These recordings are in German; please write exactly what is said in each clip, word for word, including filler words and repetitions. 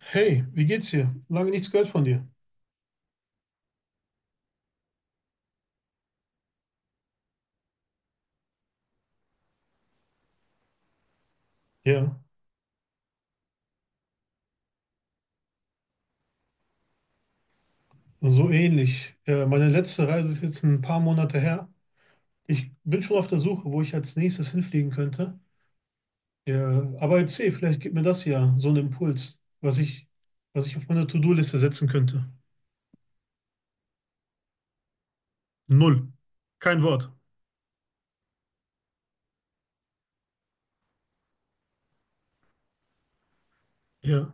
Hey, wie geht's dir? Lange nichts gehört von dir. Ja, so ähnlich. Äh, meine letzte Reise ist jetzt ein paar Monate her. Ich bin schon auf der Suche, wo ich als nächstes hinfliegen könnte. Ja, aber erzähl, vielleicht gibt mir das ja so einen Impuls, was ich, was ich auf meine To-Do-Liste setzen könnte. Null. Kein Wort. Ja,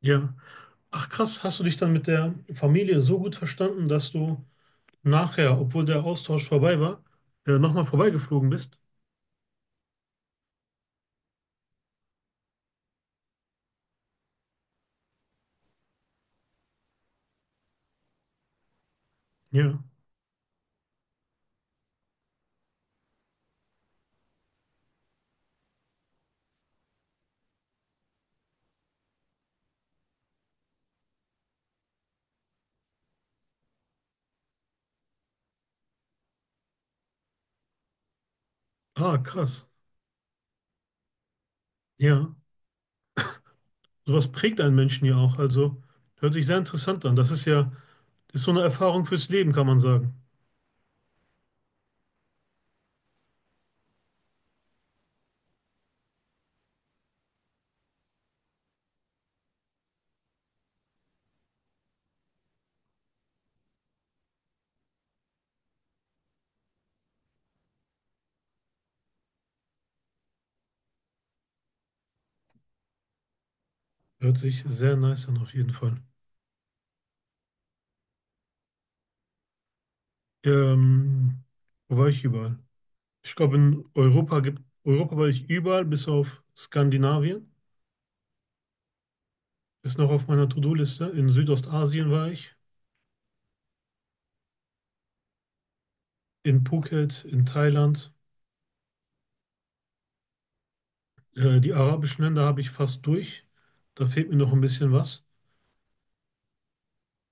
ja. Ach krass, hast du dich dann mit der Familie so gut verstanden, dass du nachher, obwohl der Austausch vorbei war, äh, nochmal vorbeigeflogen bist? Ja. Ah, krass. Ja. Sowas prägt einen Menschen ja auch. Also hört sich sehr interessant an. Das ist ja, das ist so eine Erfahrung fürs Leben, kann man sagen. Hört sich sehr nice an, auf jeden Fall. Ähm, Wo war ich überall? Ich glaube, in Europa gibt, Europa war ich überall, bis auf Skandinavien. Ist noch auf meiner To-Do-Liste. In Südostasien war ich, in Phuket, in Thailand. Äh, die arabischen Länder habe ich fast durch. Da fehlt mir noch ein bisschen was.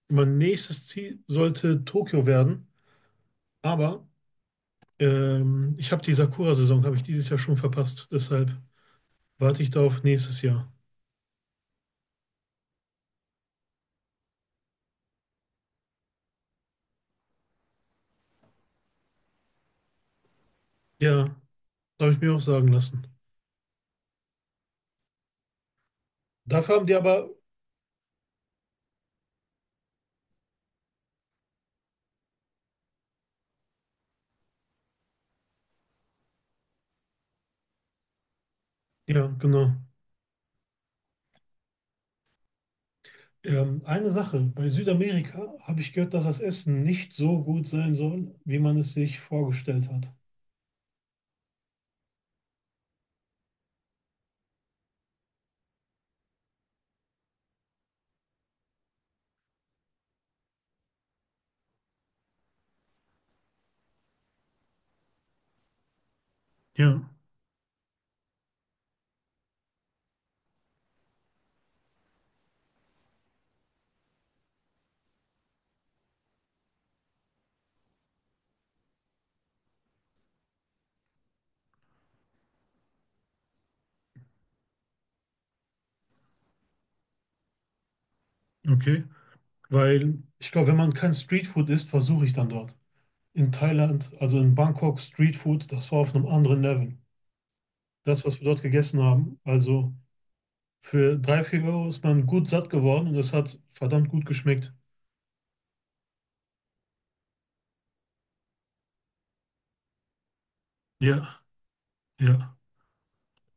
Mein nächstes Ziel sollte Tokio werden, aber Ähm, ich habe die Sakura-Saison, habe ich dieses Jahr schon verpasst. Deshalb warte ich da auf nächstes Jahr. Ja, habe ich mir auch sagen lassen. Dafür haben die aber, ja, genau. Ähm, eine Sache, bei Südamerika habe ich gehört, dass das Essen nicht so gut sein soll, wie man es sich vorgestellt hat. Ja, okay. Weil ich glaube, wenn man kein Streetfood isst, versuche ich dann dort. In Thailand, also in Bangkok, Streetfood, das war auf einem anderen Level. Das, was wir dort gegessen haben, also. Für drei vier Euro ist man gut satt geworden und es hat verdammt gut geschmeckt. Ja, ja.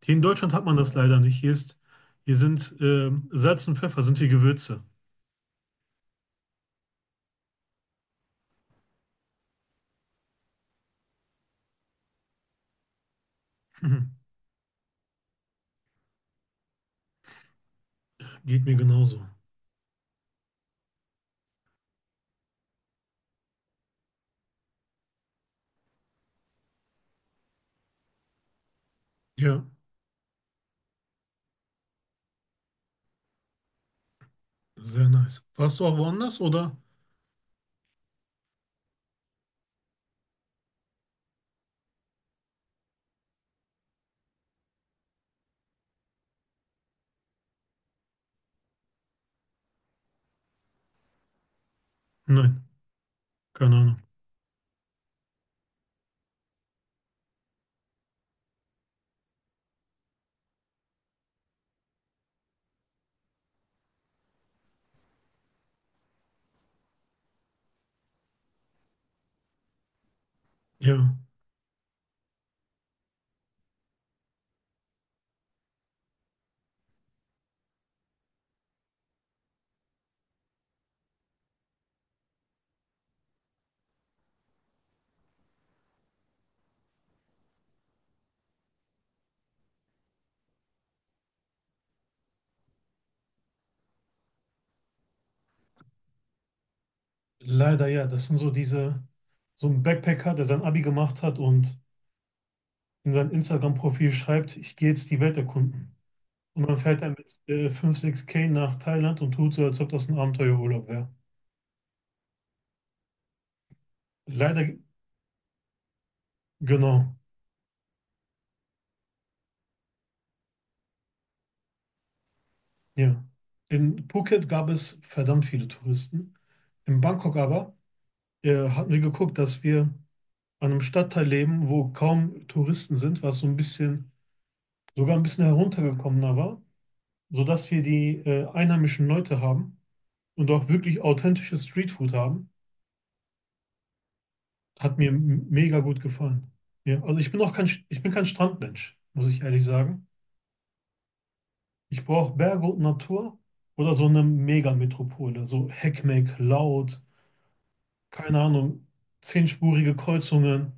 Hier in Deutschland hat man das leider nicht. Hier ist, hier sind ähm, Salz und Pfeffer sind hier Gewürze. Mhm. Geht mir genauso. Ja, sehr nice. Warst du auch woanders oder? Nein, keine Ahnung. Ja, leider ja. Das sind so diese, so ein Backpacker, der sein Abi gemacht hat und in sein Instagram-Profil schreibt, ich gehe jetzt die Welt erkunden. Und dann fährt er mit äh, fünf, sechs K nach Thailand und tut so, als ob das ein Abenteuerurlaub wäre. Leider, genau, ja. In Phuket gab es verdammt viele Touristen. In Bangkok aber äh, hatten wir geguckt, dass wir an einem Stadtteil leben, wo kaum Touristen sind, was so ein bisschen, sogar ein bisschen heruntergekommener war, sodass wir die äh, einheimischen Leute haben und auch wirklich authentisches Streetfood haben. Hat mir m- mega gut gefallen. Ja, also ich bin auch kein, ich bin kein Strandmensch, muss ich ehrlich sagen. Ich brauche Berge und Natur oder so eine Megametropole, so Heckmeck, laut, keine Ahnung, zehnspurige Kreuzungen.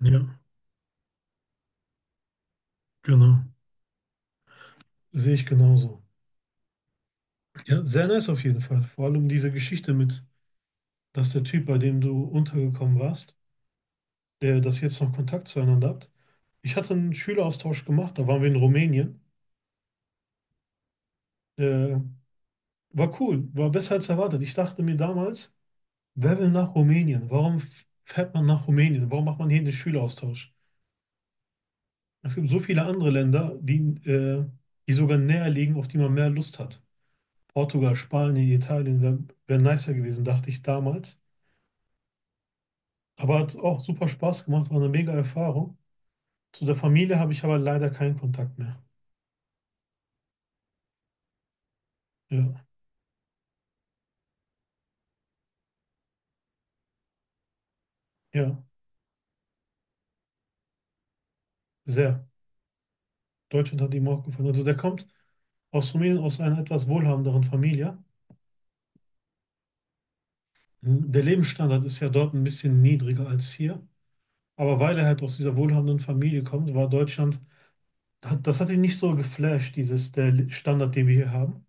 Ja, genau. Sehe ich genauso. Ja, sehr nice auf jeden Fall. Vor allem diese Geschichte mit, dass der Typ, bei dem du untergekommen warst, der das jetzt noch Kontakt zueinander habt. Ich hatte einen Schüleraustausch gemacht, da waren wir in Rumänien. Äh, war cool, war besser als erwartet. Ich dachte mir damals, wer will nach Rumänien? Warum fährt man nach Rumänien? Warum macht man hier den Schüleraustausch? Es gibt so viele andere Länder, die, äh, die sogar näher liegen, auf die man mehr Lust hat. Portugal, Spanien, Italien wäre wär wär nicer gewesen, dachte ich damals. Aber hat auch super Spaß gemacht, war eine mega Erfahrung. Zu der Familie habe ich aber leider keinen Kontakt mehr. Ja, ja, sehr. Deutschland hat ihm auch gefallen. Also der kommt aus Rumänien, aus einer etwas wohlhabenderen Familie. Mhm. Der Lebensstandard ist ja dort ein bisschen niedriger als hier. Aber weil er halt aus dieser wohlhabenden Familie kommt, war Deutschland hat- das hat ihn nicht so geflasht, dieses der Standard, den wir hier haben.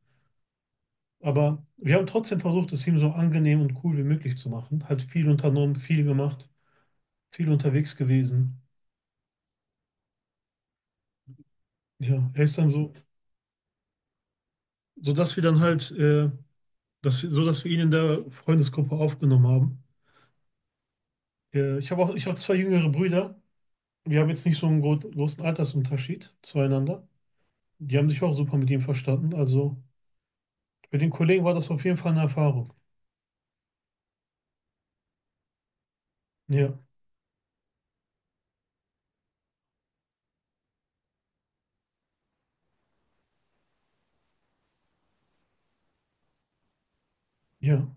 Aber wir haben trotzdem versucht, es ihm so angenehm und cool wie möglich zu machen. Hat viel unternommen, viel gemacht, viel unterwegs gewesen. Ja, er ist dann so, so dass wir dann halt, äh, dass wir, so dass wir ihn in der Freundesgruppe aufgenommen haben. Äh, ich habe auch, ich habe zwei jüngere Brüder. Wir haben jetzt nicht so einen gro großen Altersunterschied zueinander. Die haben sich auch super mit ihm verstanden. Also für den Kollegen war das auf jeden Fall eine Erfahrung. Ja, ja,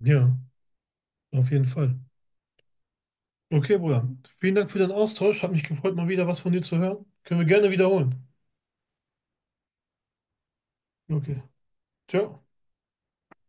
ja, auf jeden Fall. Okay, Bruder. Vielen Dank für den Austausch. Hat mich gefreut, mal wieder was von dir zu hören. Können wir gerne wiederholen. Okay. Ciao.